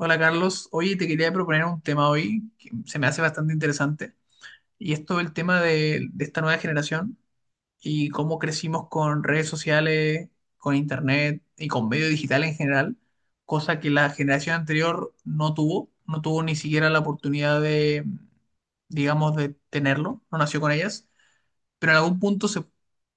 Hola Carlos, oye, te quería proponer un tema hoy que se me hace bastante interesante y es todo el tema de esta nueva generación y cómo crecimos con redes sociales, con internet y con medio digital en general, cosa que la generación anterior no tuvo, no tuvo ni siquiera la oportunidad de, digamos, de tenerlo, no nació con ellas pero en algún punto se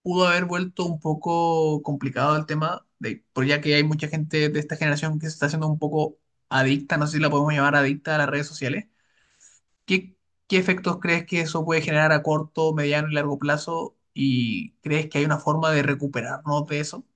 pudo haber vuelto un poco complicado el tema, de, por ya que hay mucha gente de esta generación que se está haciendo un poco adicta, no sé si la podemos llamar adicta a las redes sociales. ¿Qué, qué efectos crees que eso puede generar a corto, mediano y largo plazo? ¿Y crees que hay una forma de recuperarnos de eso?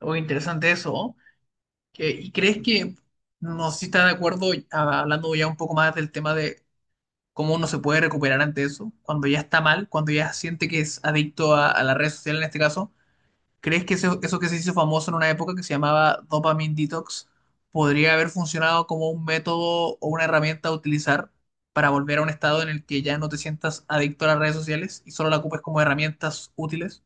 O interesante eso, ¿no? ¿Y crees que, no sé si estás de acuerdo, hablando ya un poco más del tema de cómo uno se puede recuperar ante eso, cuando ya está mal, cuando ya siente que es adicto a la red social en este caso, ¿crees que eso que se hizo famoso en una época que se llamaba dopamine detox podría haber funcionado como un método o una herramienta a utilizar para volver a un estado en el que ya no te sientas adicto a las redes sociales y solo la ocupes como herramientas útiles?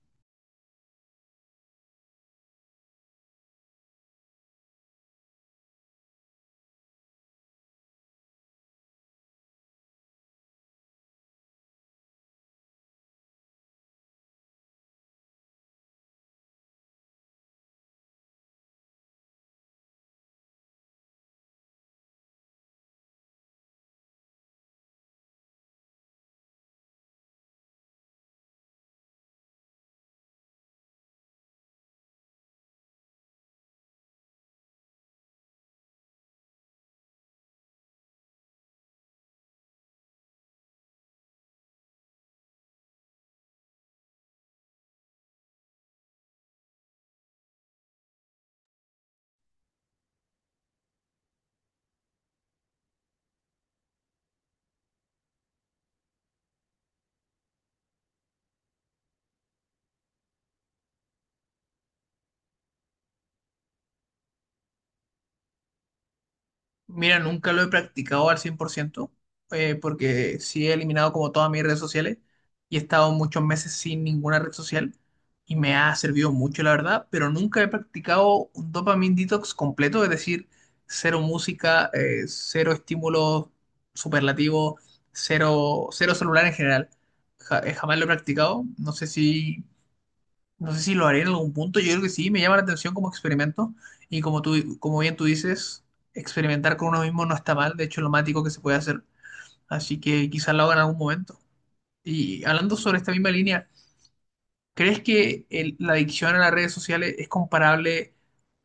Mira, nunca lo he practicado al 100%, porque sí he eliminado como todas mis redes sociales y he estado muchos meses sin ninguna red social y me ha servido mucho, la verdad, pero nunca he practicado un dopamine detox completo, es decir, cero música, cero estímulos superlativos, cero, cero celular en general. Jamás lo he practicado, no sé si lo haré en algún punto, yo creo que sí, me llama la atención como experimento y como tú, como bien tú dices, experimentar con uno mismo no está mal, de hecho es lo más ético que se puede hacer, así que quizás lo haga en algún momento. Y hablando sobre esta misma línea, ¿crees que la adicción a las redes sociales es comparable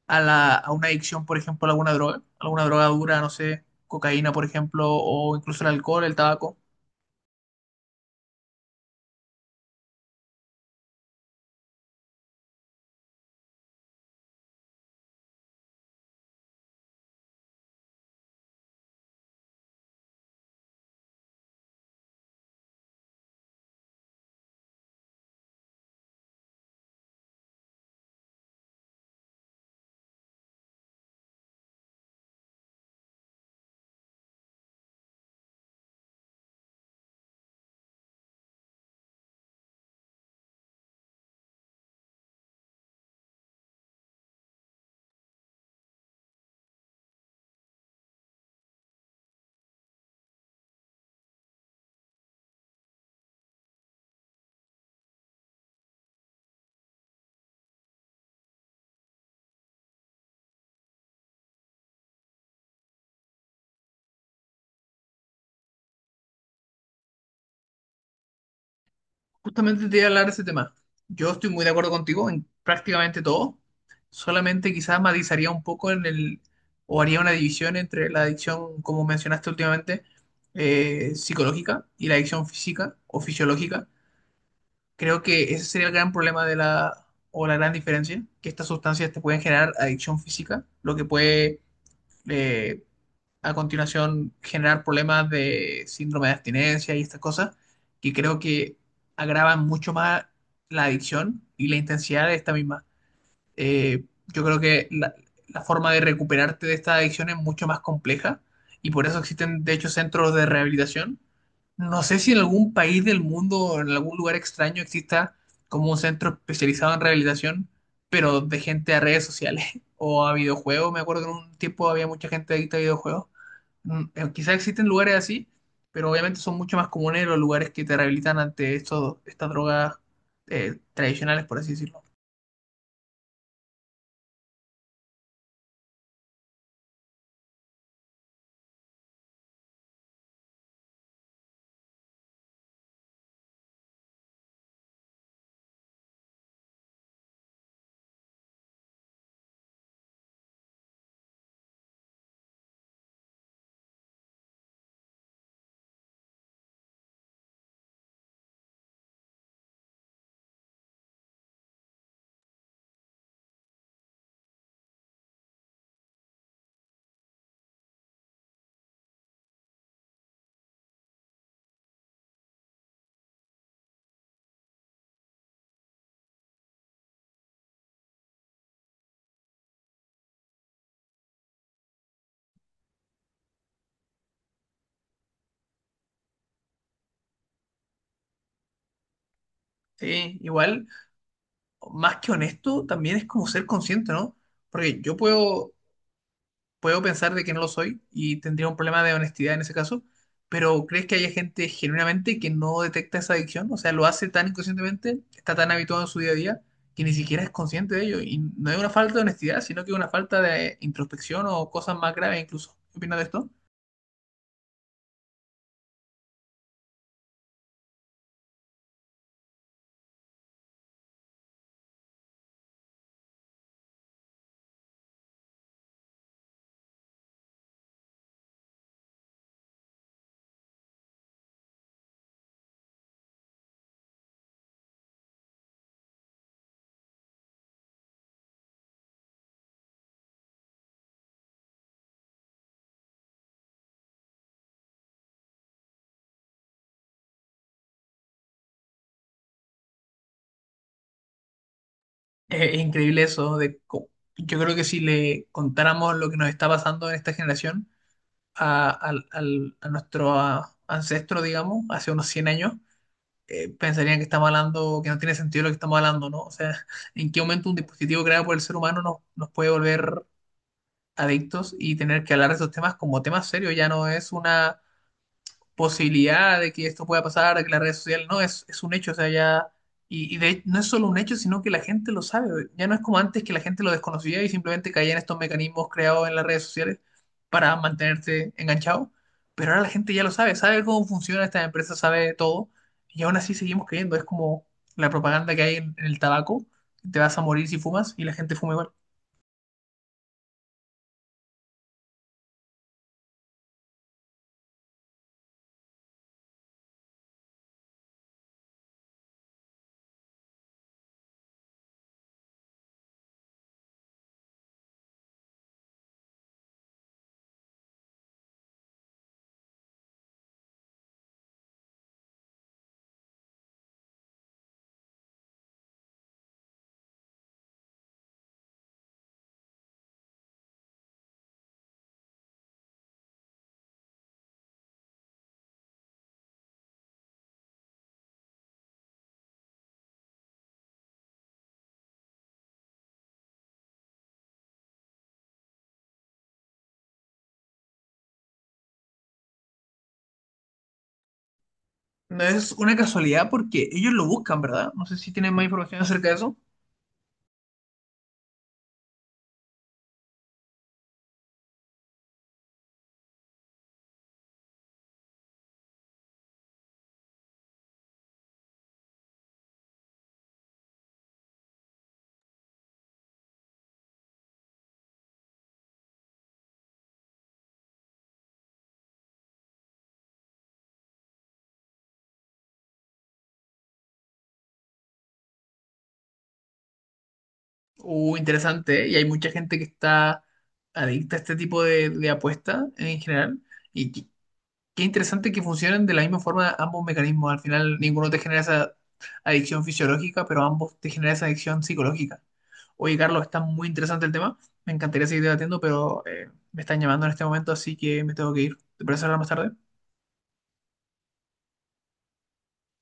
a, la, a una adicción, por ejemplo, a alguna droga? ¿Alguna droga dura, no sé, cocaína, por ejemplo, o incluso el alcohol, el tabaco? Justamente te iba a hablar de ese tema. Yo estoy muy de acuerdo contigo en prácticamente todo. Solamente quizás matizaría un poco en el, o haría una división entre la adicción, como mencionaste últimamente, psicológica y la adicción física o fisiológica. Creo que ese sería el gran problema de la, o la gran diferencia, que estas sustancias te pueden generar adicción física, lo que puede eh, a continuación generar problemas de síndrome de abstinencia y estas cosas, que creo que agravan mucho más la adicción y la intensidad de esta misma. Eh, yo creo que la forma de recuperarte de esta adicción es mucho más compleja y por eso existen, de hecho, centros de rehabilitación. No sé si en algún país del mundo o en algún lugar extraño exista como un centro especializado en rehabilitación, pero de gente a redes sociales o a videojuegos. Me acuerdo que en un tiempo había mucha gente adicta a videojuegos. Quizás existen lugares así, pero obviamente son mucho más comunes los lugares que te rehabilitan ante estos, estas drogas tradicionales, por así decirlo. Sí, igual más que honesto, también es como ser consciente, ¿no? Porque yo puedo, puedo pensar de que no lo soy y tendría un problema de honestidad en ese caso, pero ¿crees que haya gente genuinamente que no detecta esa adicción? O sea, lo hace tan inconscientemente, está tan habituado en su día a día, que ni siquiera es consciente de ello. Y no es una falta de honestidad, sino que es una falta de introspección o cosas más graves incluso. ¿Qué opinas de esto? Es increíble eso de... Yo creo que si le contáramos lo que nos está pasando en esta generación, a nuestro ancestro, digamos, hace unos 100 años, pensarían que estamos hablando, que no tiene sentido lo que estamos hablando, ¿no? O sea, ¿en qué momento un dispositivo creado por el ser humano nos, nos puede volver adictos y tener que hablar de esos temas como temas serios? Ya no es una posibilidad de que esto pueda pasar, de que las redes sociales, no, es un hecho, o sea, ya, y, no es solo un hecho, sino que la gente lo sabe, ya no es como antes que la gente lo desconocía y simplemente caía en estos mecanismos creados en las redes sociales para mantenerte enganchado, pero ahora la gente ya lo sabe, sabe cómo funciona esta empresa, sabe todo, y aún así seguimos creyendo, es como la propaganda que hay en el tabaco, te vas a morir si fumas y la gente fuma igual. No es una casualidad porque ellos lo buscan, ¿verdad? No sé si tienen más información acerca de eso. Interesante, ¿eh? Y hay mucha gente que está adicta a este tipo de apuestas en general. Y qué, qué interesante que funcionen de la misma forma ambos mecanismos. Al final, ninguno te genera esa adicción fisiológica, pero ambos te generan esa adicción psicológica. Oye, Carlos, está muy interesante el tema. Me encantaría seguir debatiendo, pero me están llamando en este momento, así que me tengo que ir. ¿Te parece hablar más tarde?